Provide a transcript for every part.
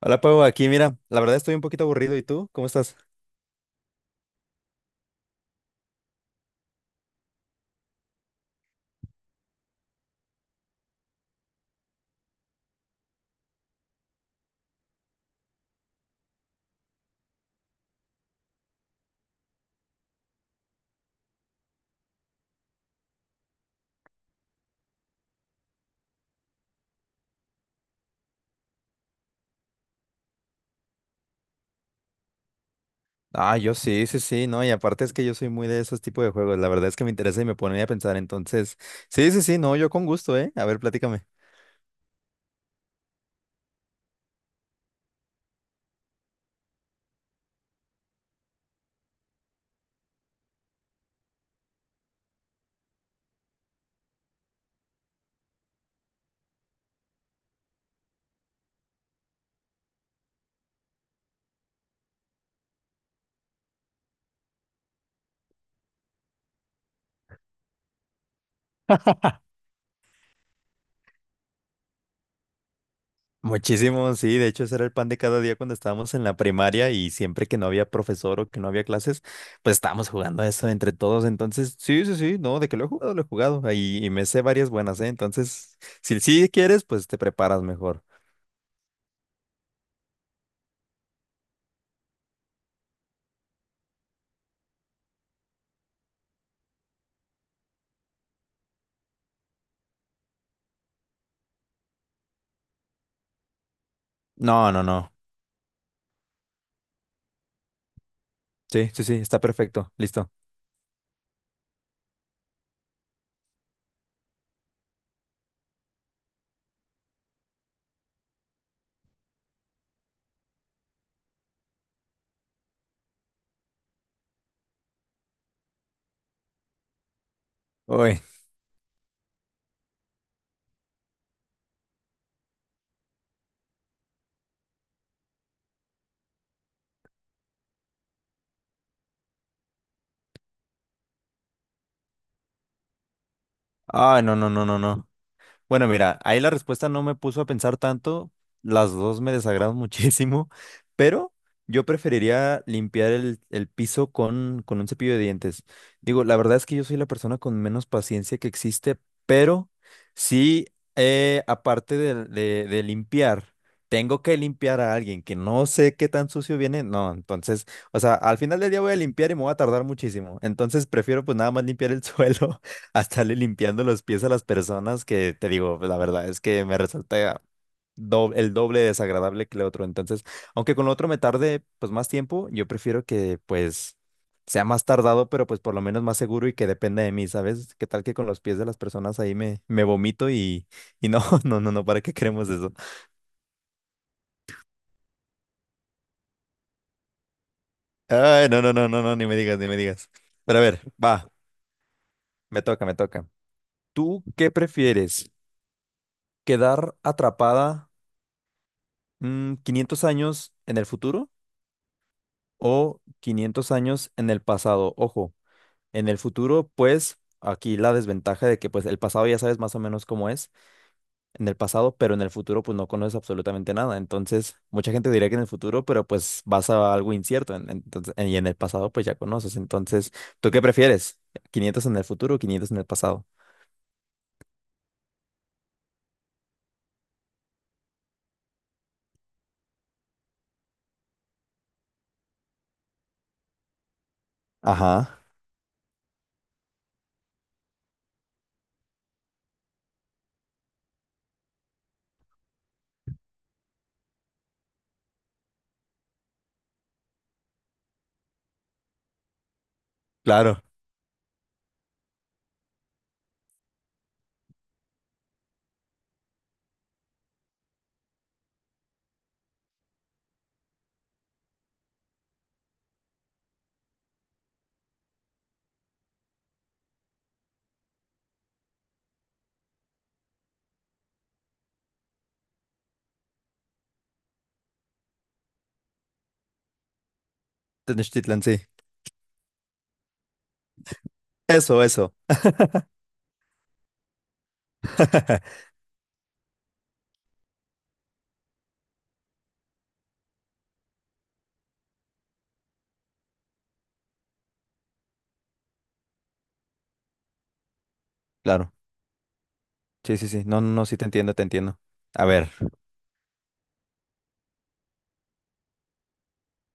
Hola Pau, aquí mira, la verdad estoy un poquito aburrido. ¿Y tú? ¿Cómo estás? Ah, yo sí, sí, sí, no, y aparte es que yo soy muy de esos tipos de juegos. La verdad es que me interesa y me pone a pensar. Entonces, sí, sí, sí, no, yo con gusto, ¿eh? A ver, platícame. Muchísimo, sí, de hecho ese era el pan de cada día cuando estábamos en la primaria y siempre que no había profesor o que no había clases, pues estábamos jugando eso entre todos. Entonces, sí, sí, sí, no, de que lo he jugado ahí y me sé varias buenas, ¿eh? Entonces, si sí quieres, pues te preparas mejor. No, no, no. Sí, sí, sí, está perfecto. Listo. Uy. Ah, no, no, no, no, no. Bueno, mira, ahí la respuesta no me puso a pensar tanto. Las dos me desagradan muchísimo, pero yo preferiría limpiar el piso con un cepillo de dientes. Digo, la verdad es que yo soy la persona con menos paciencia que existe, pero sí, aparte de limpiar, tengo que limpiar a alguien que no sé qué tan sucio viene. No, entonces, o sea, al final del día voy a limpiar y me voy a tardar muchísimo. Entonces prefiero pues nada más limpiar el suelo a estarle limpiando los pies a las personas que te digo, la verdad es que me resulta el doble desagradable que el otro. Entonces, aunque con lo otro me tarde pues más tiempo, yo prefiero que pues sea más tardado, pero pues por lo menos más seguro y que dependa de mí, ¿sabes? ¿Qué tal que con los pies de las personas ahí me vomito y no, no, no, no, ¿para qué queremos eso? Ay, no, no, no, no, no, ni me digas, ni me digas. Pero a ver, va, me toca, me toca. ¿Tú qué prefieres? ¿Quedar atrapada? 500 años en el futuro o 500 años en el pasado. Ojo, en el futuro, pues aquí la desventaja de que pues el pasado ya sabes más o menos cómo es en el pasado, pero en el futuro pues no conoces absolutamente nada. Entonces, mucha gente diría que en el futuro, pero pues vas a algo incierto. Entonces, y en el pasado pues ya conoces. Entonces, ¿tú qué prefieres? ¿Quinientos en el futuro o 500 en el pasado? Ajá, claro. Tenochtitlan, sí. Eso, eso. Claro. Sí, sí, sí. No, no, no, sí te entiendo, te entiendo. A ver.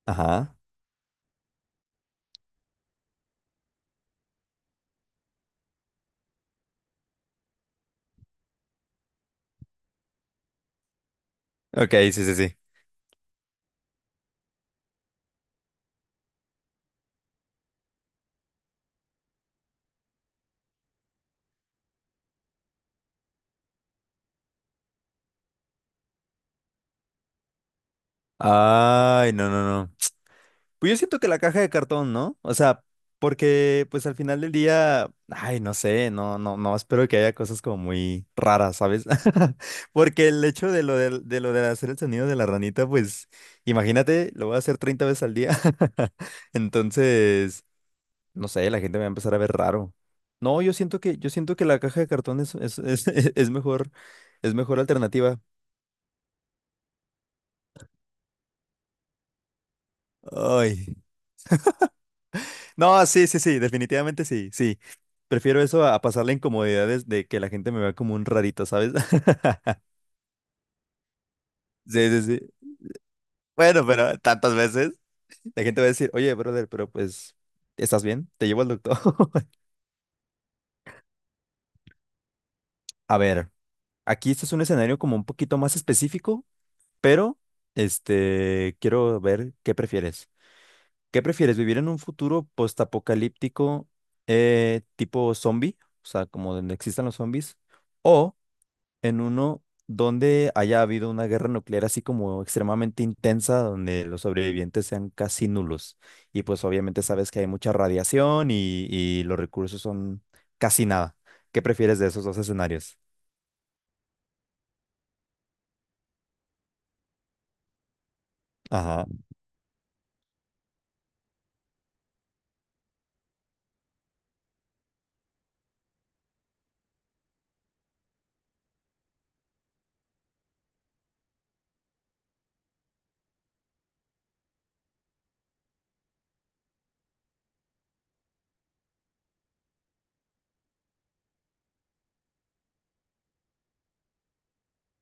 Ajá. Ok, sí, sí, sí. Ay, no, no, no. Pues yo siento que la caja de cartón, ¿no? O sea, porque pues al final del día, ay, no sé, no, no, no, espero que haya cosas como muy raras, ¿sabes? Porque el hecho de lo de hacer el sonido de la ranita, pues imagínate, lo voy a hacer 30 veces al día. Entonces, no sé, la gente me va a empezar a ver raro. No, yo siento yo siento que la caja de cartón es mejor, es mejor alternativa. Ay. No, sí, sí, sí, definitivamente sí, sí. Prefiero eso a pasar la incomodidad de que la gente me vea como un rarito, ¿sabes? Sí, sí, sí. Bueno, pero tantas veces la gente va a decir, oye, brother, pero pues, ¿estás bien? Te llevo al doctor. A ver, aquí este es un escenario como un poquito más específico, pero este, quiero ver qué prefieres. ¿Qué prefieres? ¿Vivir en un futuro postapocalíptico, tipo zombie? O sea, como donde existan los zombies. O en uno donde haya habido una guerra nuclear así como extremadamente intensa, donde los sobrevivientes sean casi nulos. Y pues obviamente sabes que hay mucha radiación y los recursos son casi nada. ¿Qué prefieres de esos dos escenarios? Ajá,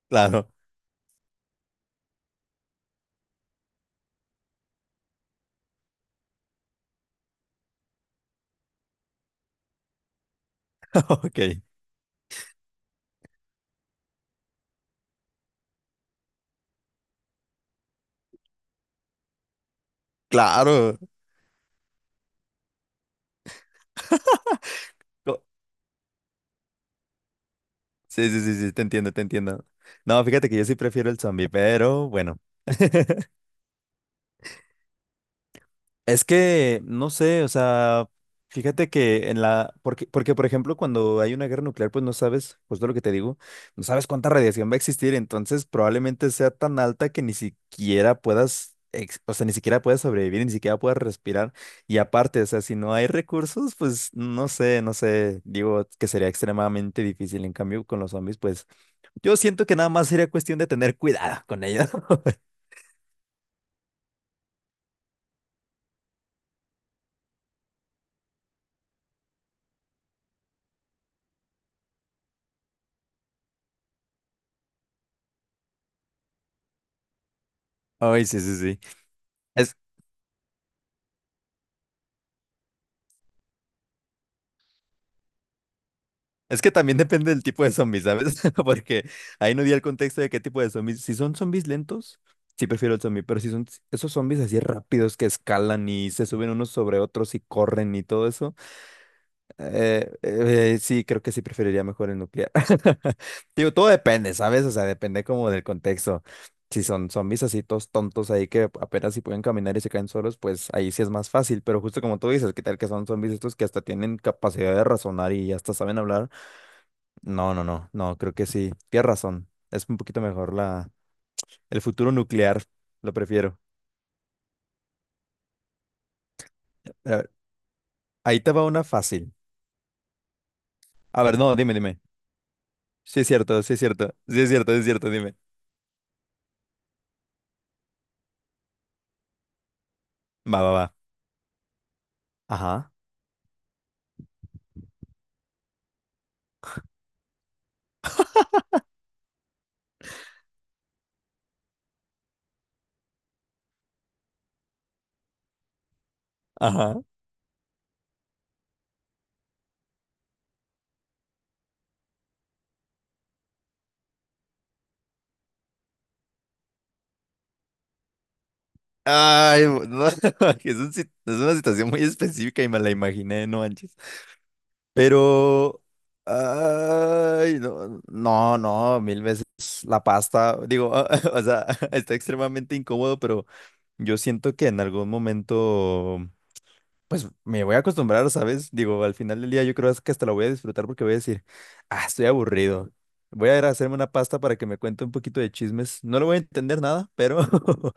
claro, ok, claro. Co- Sí, sí, sí, sí, te entiendo, te entiendo. No, fíjate que yo sí prefiero el zombie, pero bueno. Es que, no sé, o sea, fíjate que en la, porque, porque por ejemplo, cuando hay una guerra nuclear, pues no sabes, pues justo lo que te digo, no sabes cuánta radiación va a existir, entonces probablemente sea tan alta que ni siquiera puedas, o sea, ni siquiera puedas sobrevivir, ni siquiera puedas respirar. Y aparte, o sea, si no hay recursos, pues no sé, no sé, digo que sería extremadamente difícil. En cambio, con los zombies, pues yo siento que nada más sería cuestión de tener cuidado con ellos. Ay, sí, sí, sí. Es que también depende del tipo de zombies, ¿sabes? Porque ahí no di el contexto de qué tipo de zombies. Si son zombies lentos, sí prefiero el zombie, pero si son esos zombies así rápidos que escalan y se suben unos sobre otros y corren y todo eso, sí, creo que sí preferiría mejor el nuclear. Digo, todo depende, ¿sabes? O sea, depende como del contexto. Si son zombies así todos tontos ahí que apenas si pueden caminar y se caen solos, pues ahí sí es más fácil. Pero justo como tú dices, ¿qué tal que son zombies estos que hasta tienen capacidad de razonar y hasta saben hablar? No, no, no, no, creo que sí. Tienes razón. Es un poquito mejor el futuro nuclear. Lo prefiero. A ver, ahí te va una fácil. A ver, no, dime, dime. Sí es cierto, sí es cierto. Sí es cierto, sí es cierto, dime. Va, va, va. Ajá, ajá. Ay, no, es un si- es una situación muy específica y me la imaginé, no manches. Pero, ay, no, no, no, mil veces la pasta, digo, o sea, está extremadamente incómodo, pero yo siento que en algún momento pues me voy a acostumbrar, ¿sabes? Digo, al final del día yo creo que hasta la voy a disfrutar porque voy a decir, ah, estoy aburrido. Voy a ir a hacerme una pasta para que me cuente un poquito de chismes. No le voy a entender nada, pero,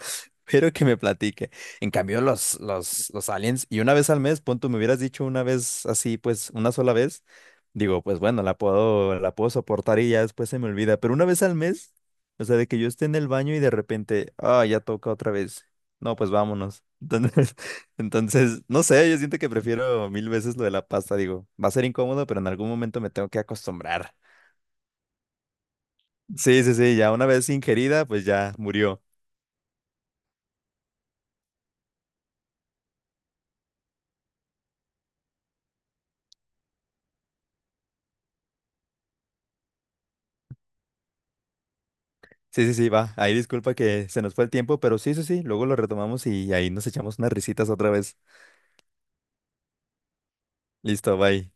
pero que me platique. En cambio, los aliens, y una vez al mes, punto, me hubieras dicho una vez así, pues una sola vez, digo, pues bueno, la puedo soportar y ya después se me olvida. Pero una vez al mes, o sea, de que yo esté en el baño y de repente, ah, ya toca otra vez. No, pues vámonos. Entonces, no sé, yo siento que prefiero mil veces lo de la pasta, digo, va a ser incómodo, pero en algún momento me tengo que acostumbrar. Sí, sí, sí, ya una vez ingerida, pues ya murió. Sí, sí, sí, va. Ahí disculpa que se nos fue el tiempo, pero sí, sí, sí, luego lo retomamos y ahí nos echamos unas risitas otra vez. Listo, bye.